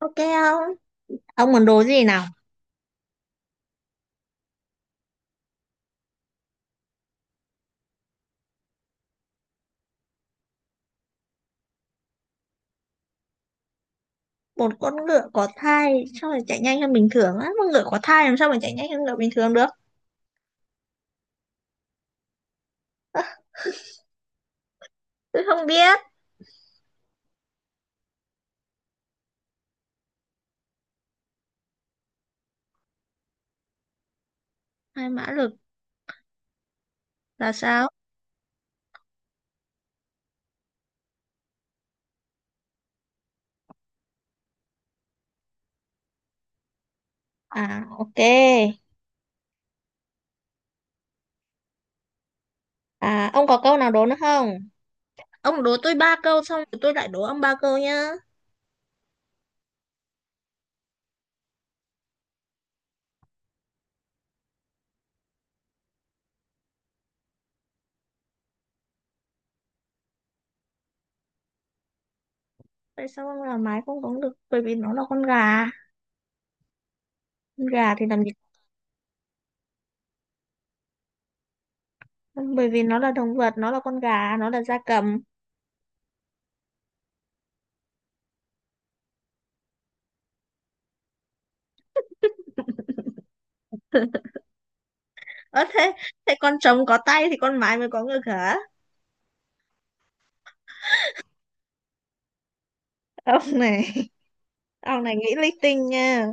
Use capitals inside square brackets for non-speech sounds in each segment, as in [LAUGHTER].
Ok không? Ông muốn đố gì nào? Một con ngựa có thai sao mà chạy nhanh hơn bình thường á? Con ngựa có thai làm sao mà chạy nhanh hơn ngựa bình thường được? Tôi không biết. 2 mã lực là sao? À ok. À ông có câu nào đố nữa không? Ông đố tôi ba câu xong rồi tôi lại đố ông ba câu nhá. Tại sao ông là mái không có được? Bởi vì nó là con gà. Con gà thì làm gì? Bởi vì nó là động vật, nó là con gà, nó là gia cầm. Ơ thế, con trống có tay thì con mái mới có ngực hả? Ông này, [LAUGHS] ông này nghĩ linh tinh nha.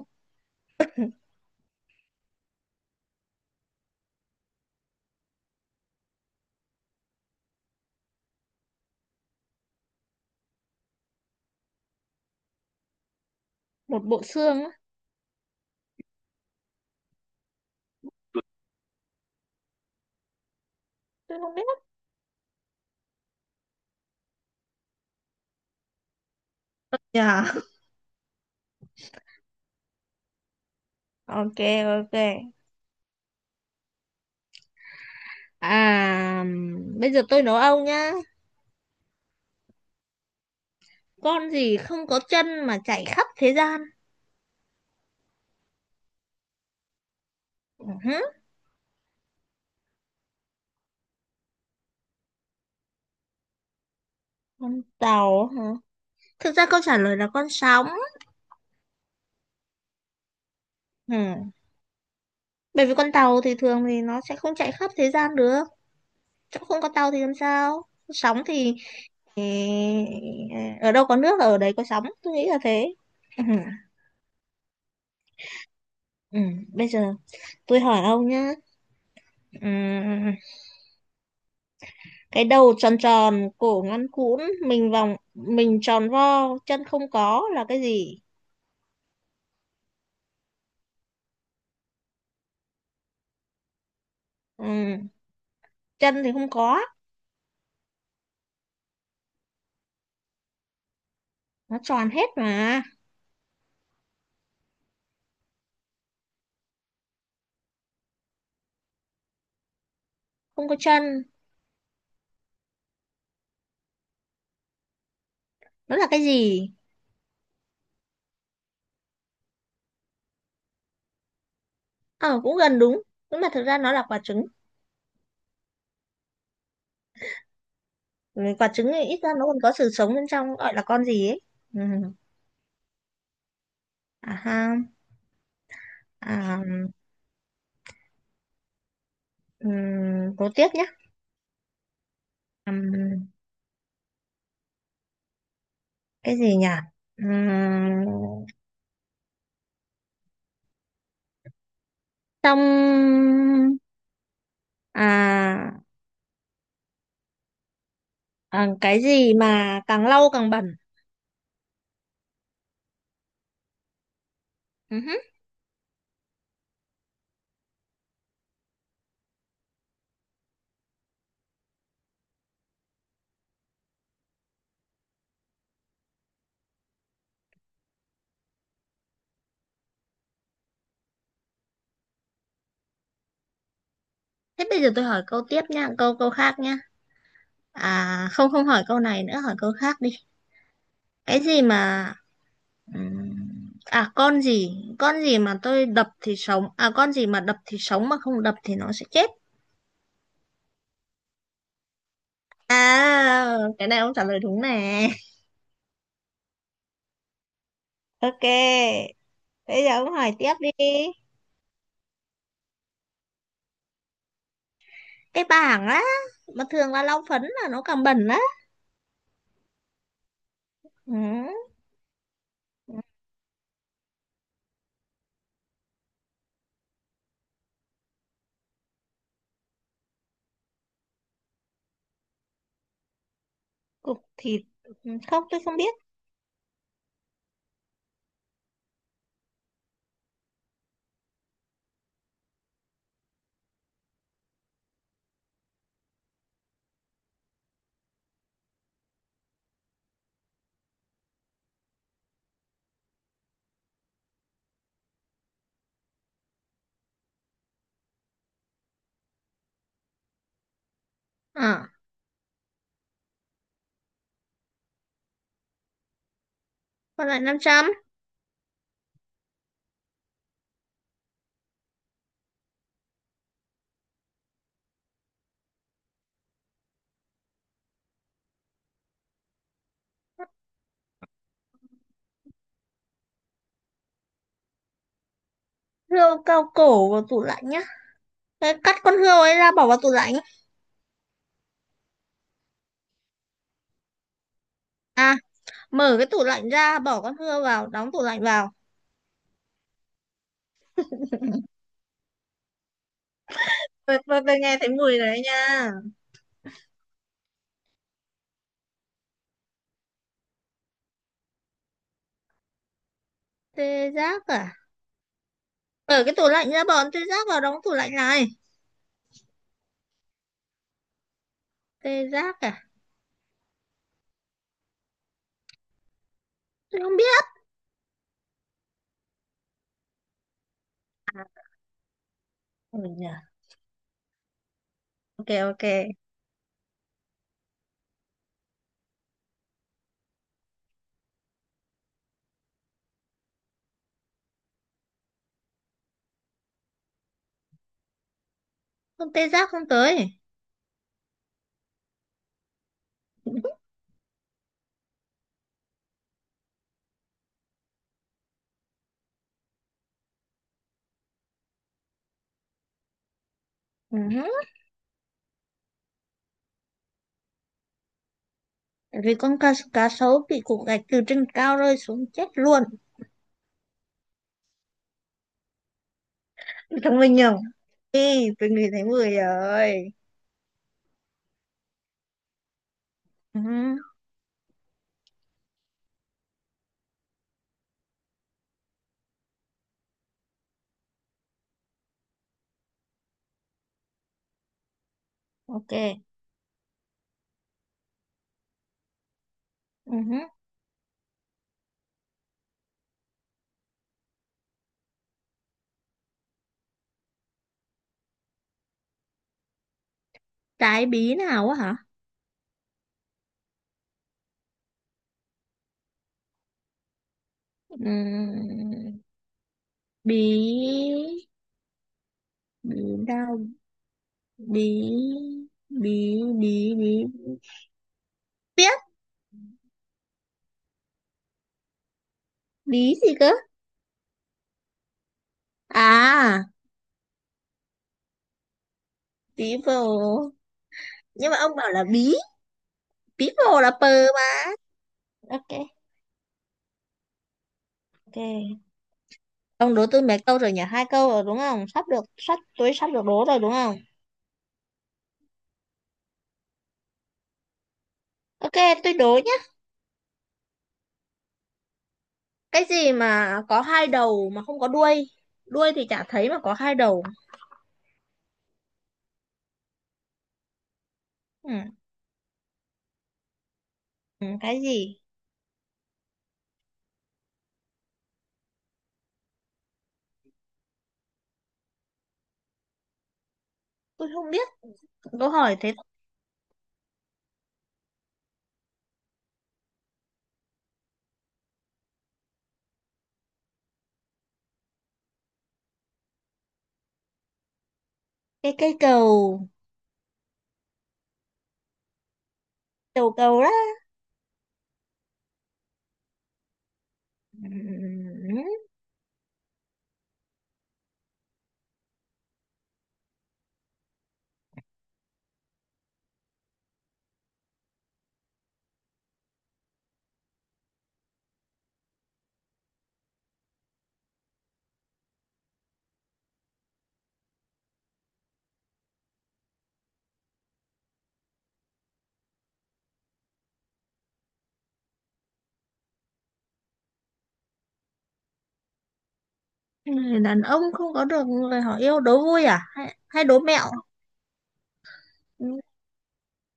Một bộ xương á. Tôi không biết. Dạ. Ok. Ok. À, bây giờ tôi nấu ông nhá. Con gì không có chân mà chạy khắp thế gian? Ừ hứ, con tàu hả? Thực ra câu trả lời là con sóng. Ừ. Bởi vì con tàu thì thường thì nó sẽ không chạy khắp thế gian được, chỗ không có tàu thì làm sao. Sóng thì, ở đâu có nước là ở đấy có sóng, tôi nghĩ là thế. Ừ. Ừ. Bây giờ tôi hỏi ông nhá. Ừ. Cái đầu tròn tròn, cổ ngắn cũn, mình vòng mình tròn vo, chân không có, là cái gì? Ừ. Chân thì không có. Nó tròn hết mà. Không có chân. Nó là cái gì? Ờ à, cũng gần đúng. Nhưng mà thực ra nó là quả trứng. Ừ, quả trứng thì ít ra nó còn có sự sống bên trong, gọi là con gì ấy. Ừ. À ha. À. Ừ. Cố tiếp nhé. Ừm, cái gì nhỉ? Ừm, trong à, à cái gì mà càng lâu càng bẩn? Ừ hứ. Thế bây giờ tôi hỏi câu tiếp nha, câu câu khác nha. À không, không hỏi câu này nữa, hỏi câu khác đi. Cái gì mà ừm, à con gì mà tôi đập thì sống, con gì mà đập thì sống mà không đập thì nó sẽ chết. À cái này ông trả lời đúng nè. [LAUGHS] Ok. Bây giờ ông hỏi tiếp đi. Cái bảng á, mà thường là lau phấn là nó càng bẩn á. Ừ, cục thịt. Ừ. Không, tôi không biết. À, còn lại 500. Rượu cao cổ vào tủ lạnh nhá. Thế cắt con hươu ấy ra bỏ vào tủ lạnh. À, mở cái tủ lạnh ra, bỏ con hươu vào, đóng tủ lạnh vào. Tôi nghe thấy mùi đấy nha. Tê giác à? Mở cái tủ lạnh ra, bỏ tê giác vào, đóng tủ lạnh lại. Tê giác à? Tôi không biết. Ừ. Ok. Ok. Con tê giác không tới. [LAUGHS] Ừ, vì cá sấu bị cục gạch từ trên cao rơi xuống chết luôn. Thông minh nhỉ? Ê, tôi ngửi thấy mùi rồi. Ừ. Ok. Ừ, trái bí nào á hả? Ừ. Bí, bí, đau, bí, bí, bí, bí, biết, bí gì cơ? À, bí bồ. Nhưng mà ông bảo là bí. Bí bồ là pờ mà. Ok. Ok. Ông đố tôi mấy câu rồi nhỉ? Hai câu rồi đúng không? Sắp được, sắp, tôi sắp được đố rồi đúng không? Ok, tôi đố nhé. Cái gì mà có hai đầu mà không có đuôi? Đuôi thì chả thấy mà có hai đầu. Ừ. Ừ, cái gì? Tôi không biết. Câu hỏi thế. Cái cây cầu. Đầu cầu đó. Ừ, người đàn ông không có được người họ yêu. Đố vui à, hay đố mẹo? Ừ,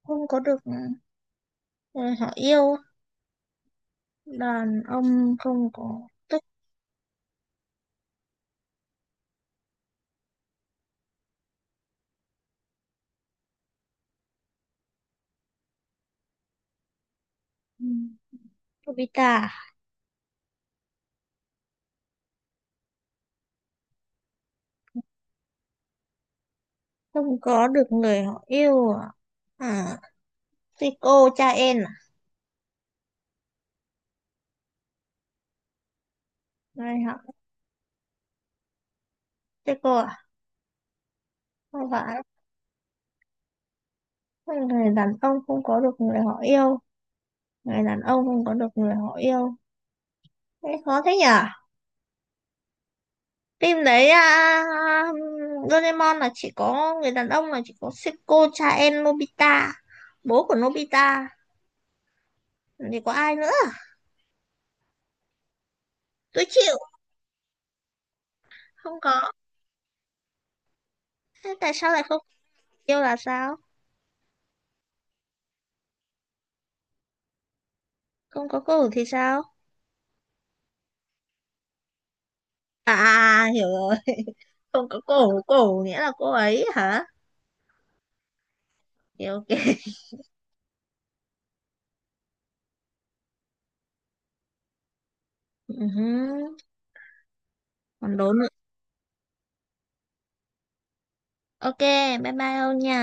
không có được người họ yêu. Đàn ông không có tức. Ừ, Nobita. Không có được người họ yêu à? À, Seiko cha em à? Người họ. Seiko à? Không phải. Người đàn ông không có được người họ yêu. Người đàn ông không có được người họ yêu. Thế khó thế nhỉ. Phim đấy à, Doraemon là chỉ có người đàn ông, là chỉ có Seiko cha em Nobita, bố của Nobita, thì có ai nữa? Tôi chịu. Không có. Thế tại sao lại không? Yêu là sao? Không có cổ thì sao? À à, à, hiểu rồi. [LAUGHS] Không có cổ. Cổ nghĩa là cô ấy hả? Ok, ok. [LAUGHS] Ừ hứ, còn đố nữa. Ok. Bye bye ông nha.